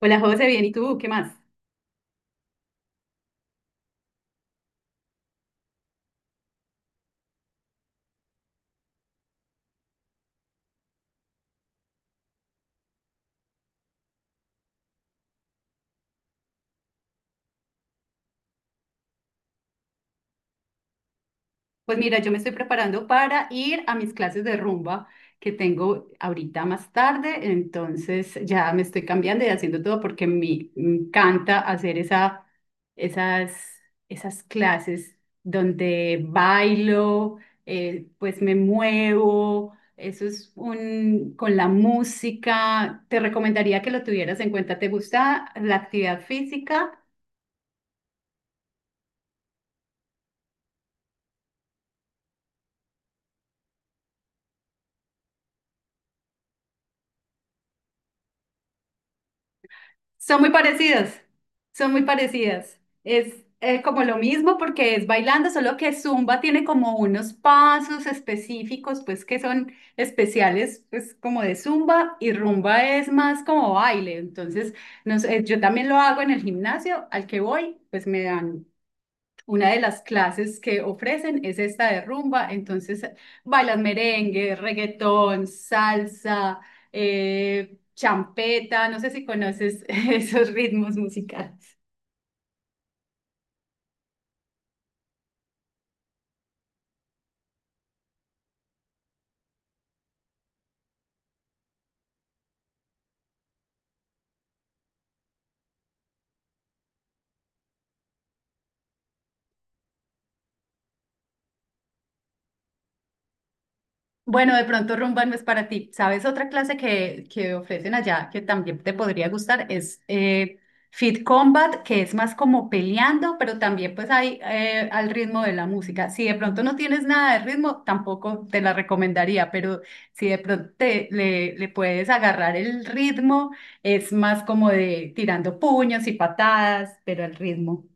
Hola José, bien, ¿y tú? ¿Qué más? Pues mira, yo me estoy preparando para ir a mis clases de rumba que tengo ahorita más tarde, entonces ya me estoy cambiando y haciendo todo porque me encanta hacer esas, esas clases donde bailo, pues me muevo, eso es un, con la música, te recomendaría que lo tuvieras en cuenta. ¿Te gusta la actividad física? Son muy parecidas, son muy parecidas. Es como lo mismo porque es bailando, solo que Zumba tiene como unos pasos específicos, pues que son especiales, pues como de Zumba, y rumba es más como baile. Entonces, no sé, yo también lo hago en el gimnasio al que voy. Pues me dan, una de las clases que ofrecen es esta de rumba. Entonces bailas merengue, reggaetón, salsa, champeta, no sé si conoces esos ritmos musicales. Bueno, de pronto rumba no es para ti. ¿Sabes otra clase que ofrecen allá que también te podría gustar? Es Fit Combat, que es más como peleando, pero también pues hay al ritmo de la música. Si de pronto no tienes nada de ritmo, tampoco te la recomendaría, pero si de pronto le puedes agarrar el ritmo, es más como de tirando puños y patadas, pero al ritmo.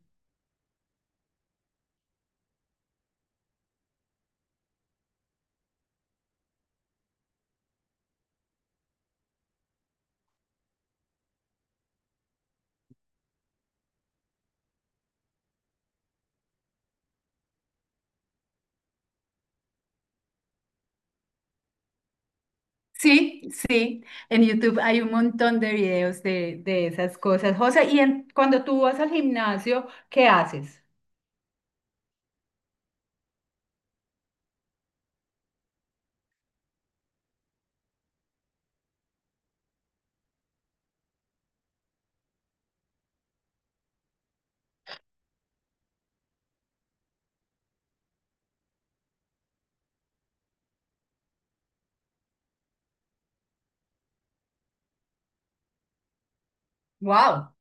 Sí, sí, en YouTube hay un montón de videos de esas cosas. José, cuando tú vas al gimnasio, ¿qué haces? Wow,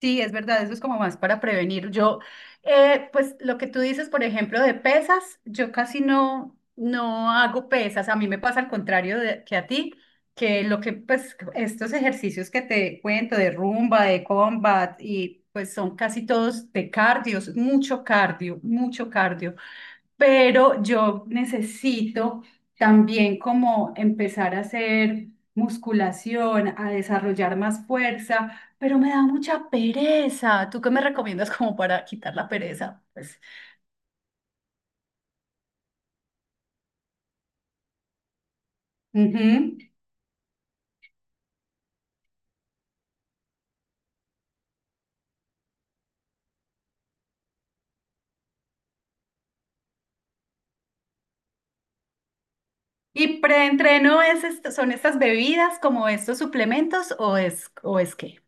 sí, es verdad, eso es como más para prevenir. Yo, pues lo que tú dices, por ejemplo, de pesas, yo casi no, no hago pesas. A mí me pasa al contrario que a ti, que lo que, pues, estos ejercicios que te cuento de rumba, de combat, y pues son casi todos de cardio, mucho cardio, mucho cardio. Pero yo necesito también como empezar a hacer musculación, a desarrollar más fuerza, pero me da mucha pereza. ¿Tú qué me recomiendas como para quitar la pereza? Pues, ujú. ¿Y preentreno es esto, son estas bebidas como estos suplementos, o es qué?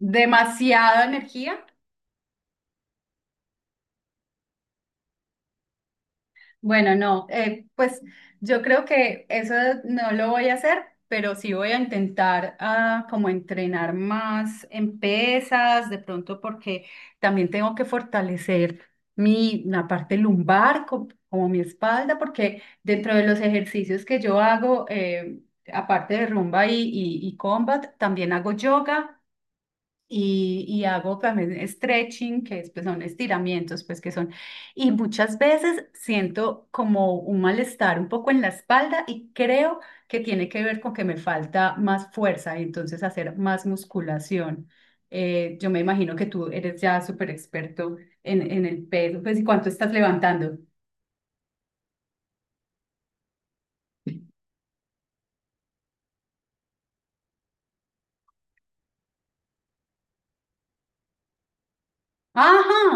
¿Demasiada energía? Bueno, no, pues yo creo que eso no lo voy a hacer, pero sí voy a intentar ah, como entrenar más en pesas, de pronto porque también tengo que fortalecer mi, la parte lumbar, como mi espalda, porque dentro de los ejercicios que yo hago, aparte de rumba y, y combat, también hago yoga y hago también stretching, que es, pues, son estiramientos, pues que son, y muchas veces siento como un malestar un poco en la espalda y creo que tiene que ver con que me falta más fuerza y entonces hacer más musculación. Yo me imagino que tú eres ya súper experto en el peso, pues, ¿y cuánto estás levantando? Ajá,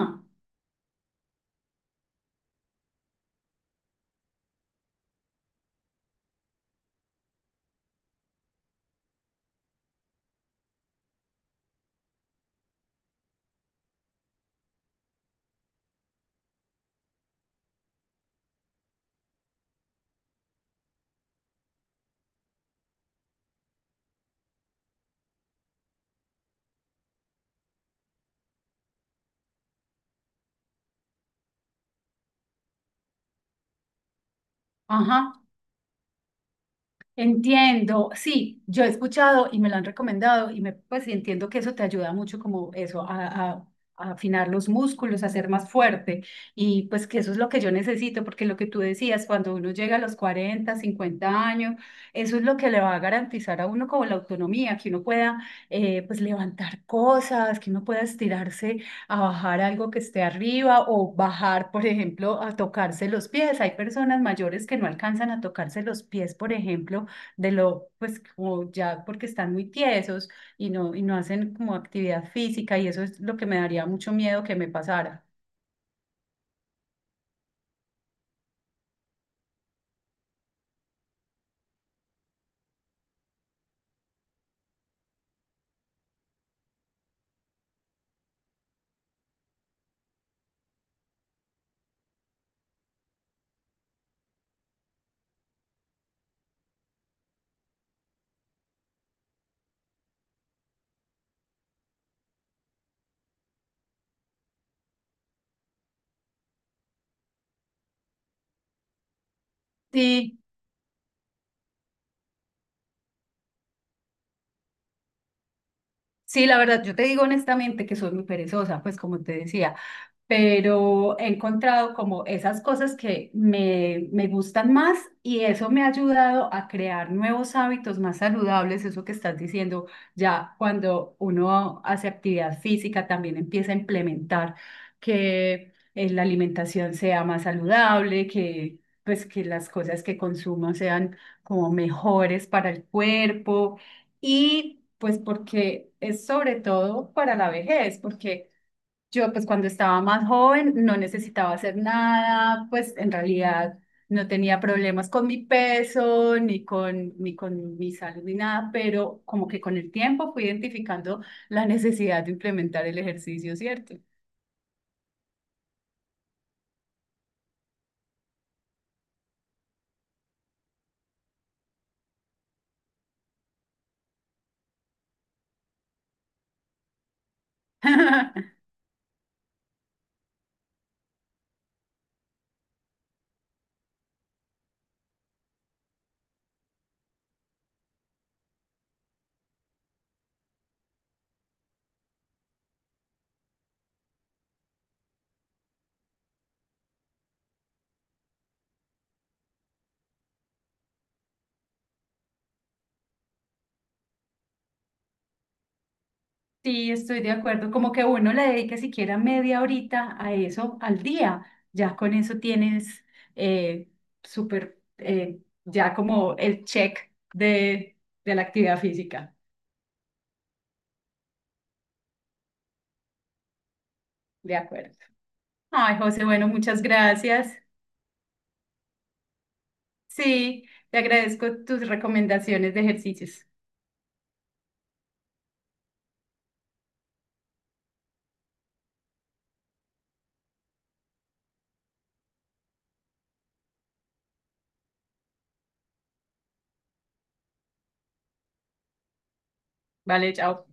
ajá. Entiendo, sí, yo he escuchado y me lo han recomendado y me, pues y entiendo que eso te ayuda mucho como eso, a- a afinar los músculos, a ser más fuerte, y pues que eso es lo que yo necesito porque lo que tú decías, cuando uno llega a los 40 50 años, eso es lo que le va a garantizar a uno como la autonomía, que uno pueda pues levantar cosas, que uno pueda estirarse a bajar algo que esté arriba, o bajar, por ejemplo, a tocarse los pies. Hay personas mayores que no alcanzan a tocarse los pies, por ejemplo, de lo, pues como ya porque están muy tiesos y no hacen como actividad física, y eso es lo que me daría mucho miedo que me pasara. Sí, sí, la verdad, yo te digo honestamente que soy muy perezosa, pues como te decía, pero he encontrado como esas cosas me gustan más y eso me ha ayudado a crear nuevos hábitos más saludables, eso que estás diciendo, ya cuando uno hace actividad física también empieza a implementar que la alimentación sea más saludable, que pues que las cosas que consumo sean como mejores para el cuerpo, y pues porque es sobre todo para la vejez, porque yo pues cuando estaba más joven no necesitaba hacer nada, pues en realidad no tenía problemas con mi peso, ni con mi salud, ni nada, pero como que con el tiempo fui identificando la necesidad de implementar el ejercicio, ¿cierto? Sí, estoy de acuerdo. Como que uno le dedique siquiera media horita a eso al día. Ya con eso tienes eh, súper, ya como el check de, de la actividad física. De acuerdo. Ay, José, bueno, muchas gracias. Sí, te agradezco tus recomendaciones de ejercicios. Vale, chao.